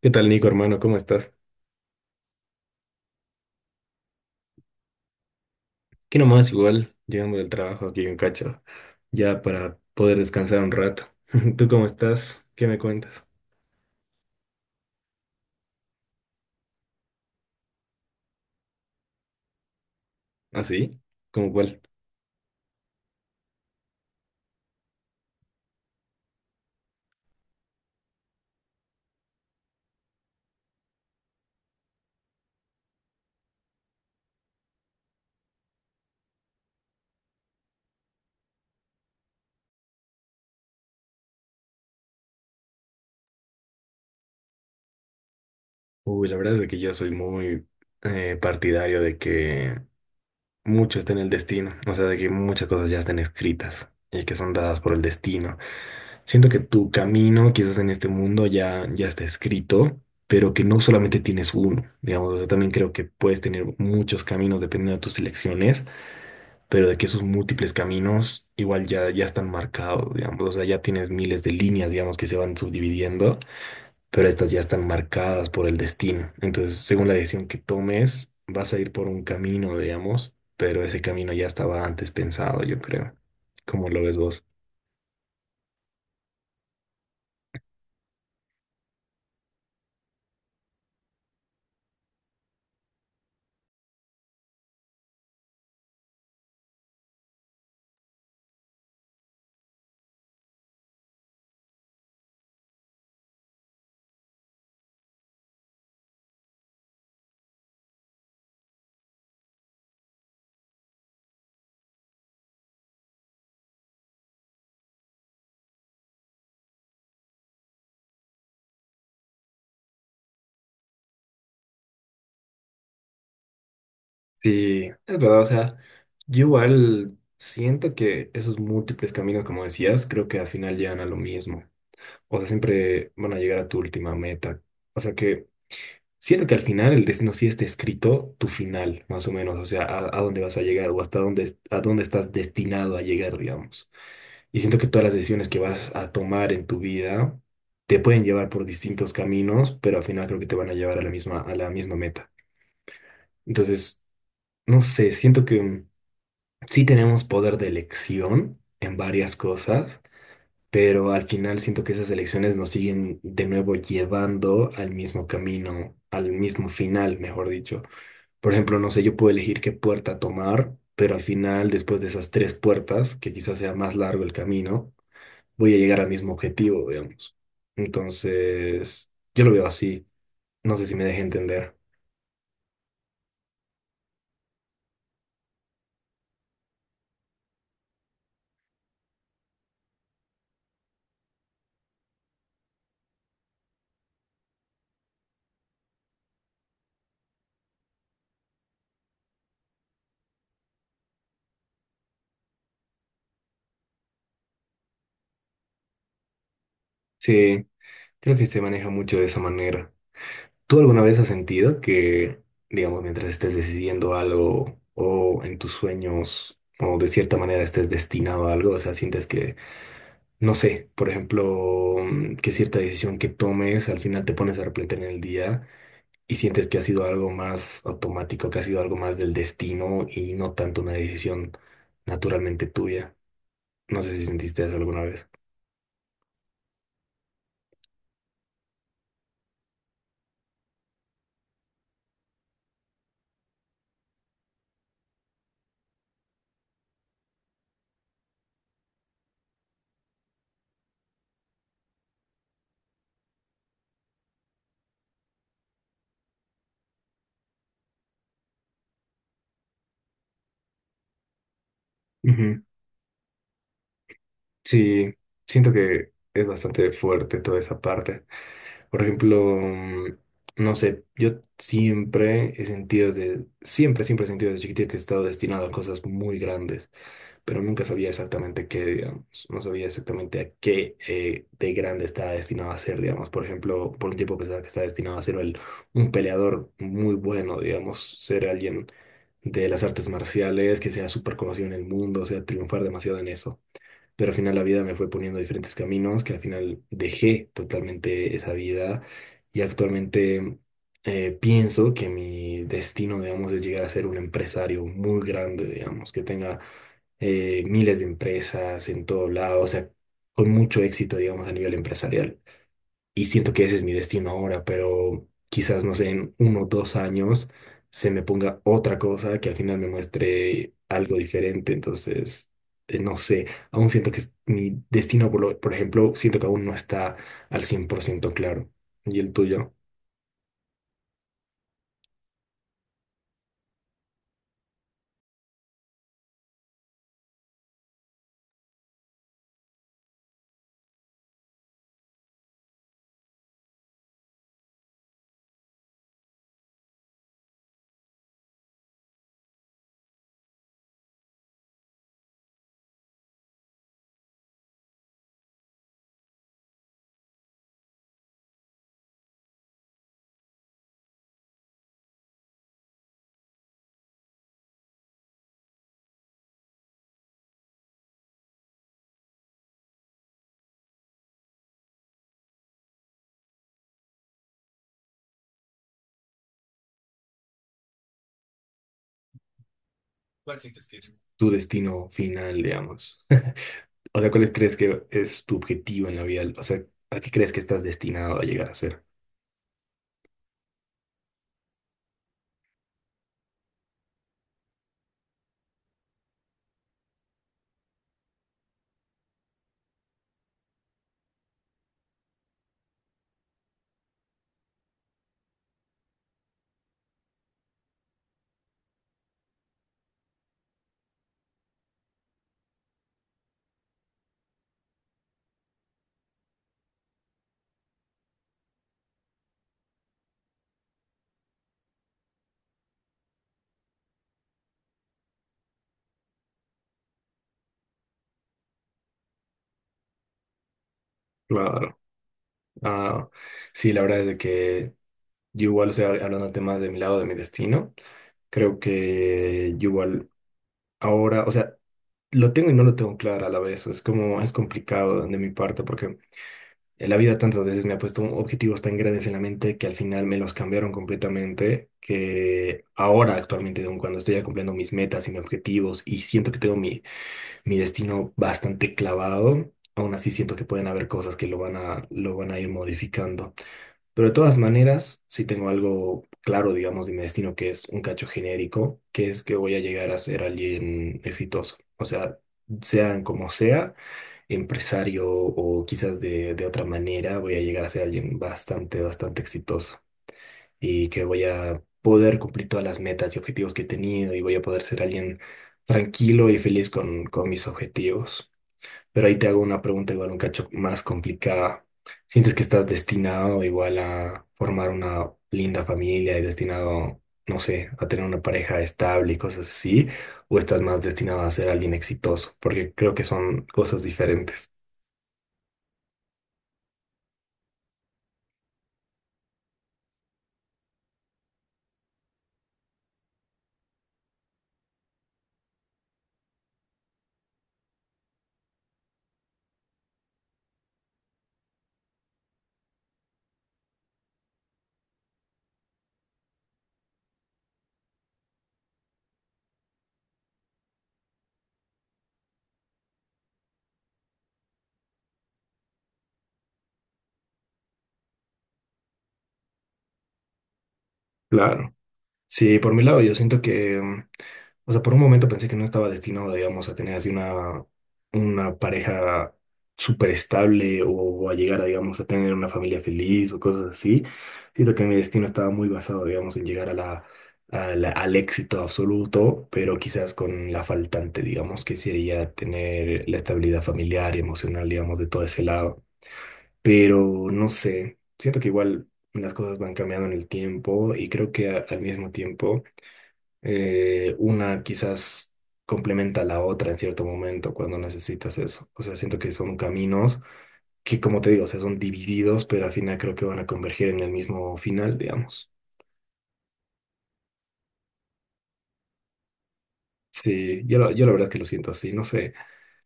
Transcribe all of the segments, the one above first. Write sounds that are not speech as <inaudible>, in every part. ¿Qué tal, Nico, hermano? ¿Cómo estás? Aquí nomás, igual, llegando del trabajo aquí en Cacho, ya para poder descansar un rato. <laughs> ¿Tú cómo estás? ¿Qué me cuentas? ¿Ah, sí? ¿Cómo cuál? Uy, la verdad es de que yo soy muy partidario de que mucho está en el destino, o sea, de que muchas cosas ya están escritas y que son dadas por el destino. Siento que tu camino, quizás en este mundo, ya está escrito, pero que no solamente tienes uno, digamos, o sea, también creo que puedes tener muchos caminos dependiendo de tus elecciones. Pero de que esos múltiples caminos igual ya están marcados, digamos, o sea, ya tienes miles de líneas, digamos, que se van subdividiendo, pero estas ya están marcadas por el destino. Entonces, según la decisión que tomes, vas a ir por un camino, digamos, pero ese camino ya estaba antes pensado, yo creo. ¿Cómo lo ves vos? Sí, es verdad, o sea, yo igual siento que esos múltiples caminos, como decías, creo que al final llegan a lo mismo. O sea, siempre van a llegar a tu última meta. O sea que siento que al final el destino sí está escrito tu final, más o menos, o sea, a dónde vas a llegar o hasta dónde, a dónde estás destinado a llegar, digamos. Y siento que todas las decisiones que vas a tomar en tu vida te pueden llevar por distintos caminos, pero al final creo que te van a llevar a la misma meta. Entonces, no sé, siento que sí tenemos poder de elección en varias cosas, pero al final siento que esas elecciones nos siguen de nuevo llevando al mismo camino, al mismo final, mejor dicho. Por ejemplo, no sé, yo puedo elegir qué puerta tomar, pero al final, después de esas tres puertas, que quizás sea más largo el camino, voy a llegar al mismo objetivo, digamos. Entonces, yo lo veo así. No sé si me deje entender. Sí, creo que se maneja mucho de esa manera. ¿Tú alguna vez has sentido que, digamos, mientras estés decidiendo algo o en tus sueños o de cierta manera estés destinado a algo, o sea, sientes que no sé, por ejemplo, que cierta decisión que tomes, al final te pones a arrepentir en el día y sientes que ha sido algo más automático, que ha sido algo más del destino y no tanto una decisión naturalmente tuya? No sé si sentiste eso alguna vez. Ujú. Sí, siento que es bastante fuerte toda esa parte. Por ejemplo, no sé, yo siempre he sentido de, siempre he sentido desde chiquitito que he estado destinado a cosas muy grandes. Pero nunca sabía exactamente qué, digamos, no sabía exactamente a qué de grande estaba destinado a ser, digamos, por ejemplo, por un tiempo pensaba que estaba destinado a ser un peleador muy bueno, digamos, ser alguien de las artes marciales, que sea súper conocido en el mundo, o sea, triunfar demasiado en eso. Pero al final la vida me fue poniendo diferentes caminos, que al final dejé totalmente esa vida y actualmente pienso que mi destino, digamos, es llegar a ser un empresario muy grande, digamos, que tenga miles de empresas en todo lado, o sea, con mucho éxito, digamos, a nivel empresarial, y siento que ese es mi destino ahora, pero quizás, no sé, en uno o dos años se me ponga otra cosa que al final me muestre algo diferente. Entonces, no sé, aún siento que mi destino, por ejemplo, siento que aún no está al 100% claro. ¿Y el tuyo? ¿Cuál sientes que es? Tu destino final, digamos. <laughs> O sea, ¿cuál crees que es tu objetivo en la vida? O sea, ¿a qué crees que estás destinado a llegar a ser? Claro. Ah, sí, la verdad es de que yo igual, o sea, hablando del tema de mi lado, de mi destino, creo que yo igual ahora, o sea, lo tengo y no lo tengo claro a la vez. Es como, es complicado de mi parte porque en la vida tantas veces me ha puesto objetivos tan grandes en la mente que al final me los cambiaron completamente, que ahora actualmente, aun cuando estoy ya cumpliendo mis metas y mis objetivos y siento que tengo mi, mi destino bastante clavado, aún así siento que pueden haber cosas que lo van a ir modificando. Pero de todas maneras, sí tengo algo claro, digamos, de mi destino, que es un cacho genérico, que es que voy a llegar a ser alguien exitoso. O sea, sean como sea, empresario o quizás de otra manera, voy a llegar a ser alguien bastante, bastante exitoso y que voy a poder cumplir todas las metas y objetivos que he tenido y voy a poder ser alguien tranquilo y feliz con mis objetivos. Pero ahí te hago una pregunta igual un cacho más complicada. ¿Sientes que estás destinado igual a formar una linda familia y destinado, no sé, a tener una pareja estable y cosas así? ¿O estás más destinado a ser alguien exitoso? Porque creo que son cosas diferentes. Claro. Sí, por mi lado, yo siento que, o sea, por un momento pensé que no estaba destinado, digamos, a tener así una pareja súper estable o, a llegar a, digamos, a tener una familia feliz o cosas así. Siento que mi destino estaba muy basado, digamos, en llegar a la, al éxito absoluto, pero quizás con la faltante, digamos, que sería tener la estabilidad familiar y emocional, digamos, de todo ese lado. Pero no sé, siento que igual las cosas van cambiando en el tiempo y creo que al mismo tiempo una quizás complementa a la otra en cierto momento cuando necesitas eso. O sea, siento que son caminos que, como te digo, o sea, son divididos, pero al final creo que van a converger en el mismo final, digamos. Sí, yo, yo la verdad que lo siento así, no sé.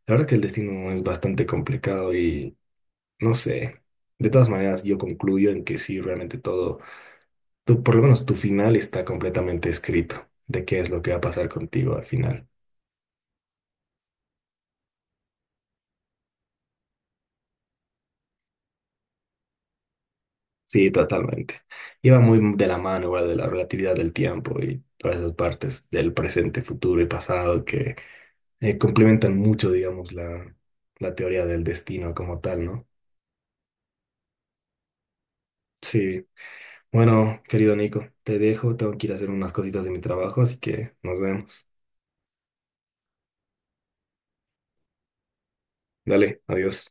La verdad que el destino es bastante complicado y no sé. De todas maneras, yo concluyo en que sí, realmente todo, tú, por lo menos tu final está completamente escrito de qué es lo que va a pasar contigo al final. Sí, totalmente. Iba muy de la mano igual de la relatividad del tiempo y todas esas partes del presente, futuro y pasado que complementan mucho, digamos, la teoría del destino como tal, ¿no? Sí. Bueno, querido Nico, te dejo, tengo que ir a hacer unas cositas de mi trabajo, así que nos vemos. Dale, adiós.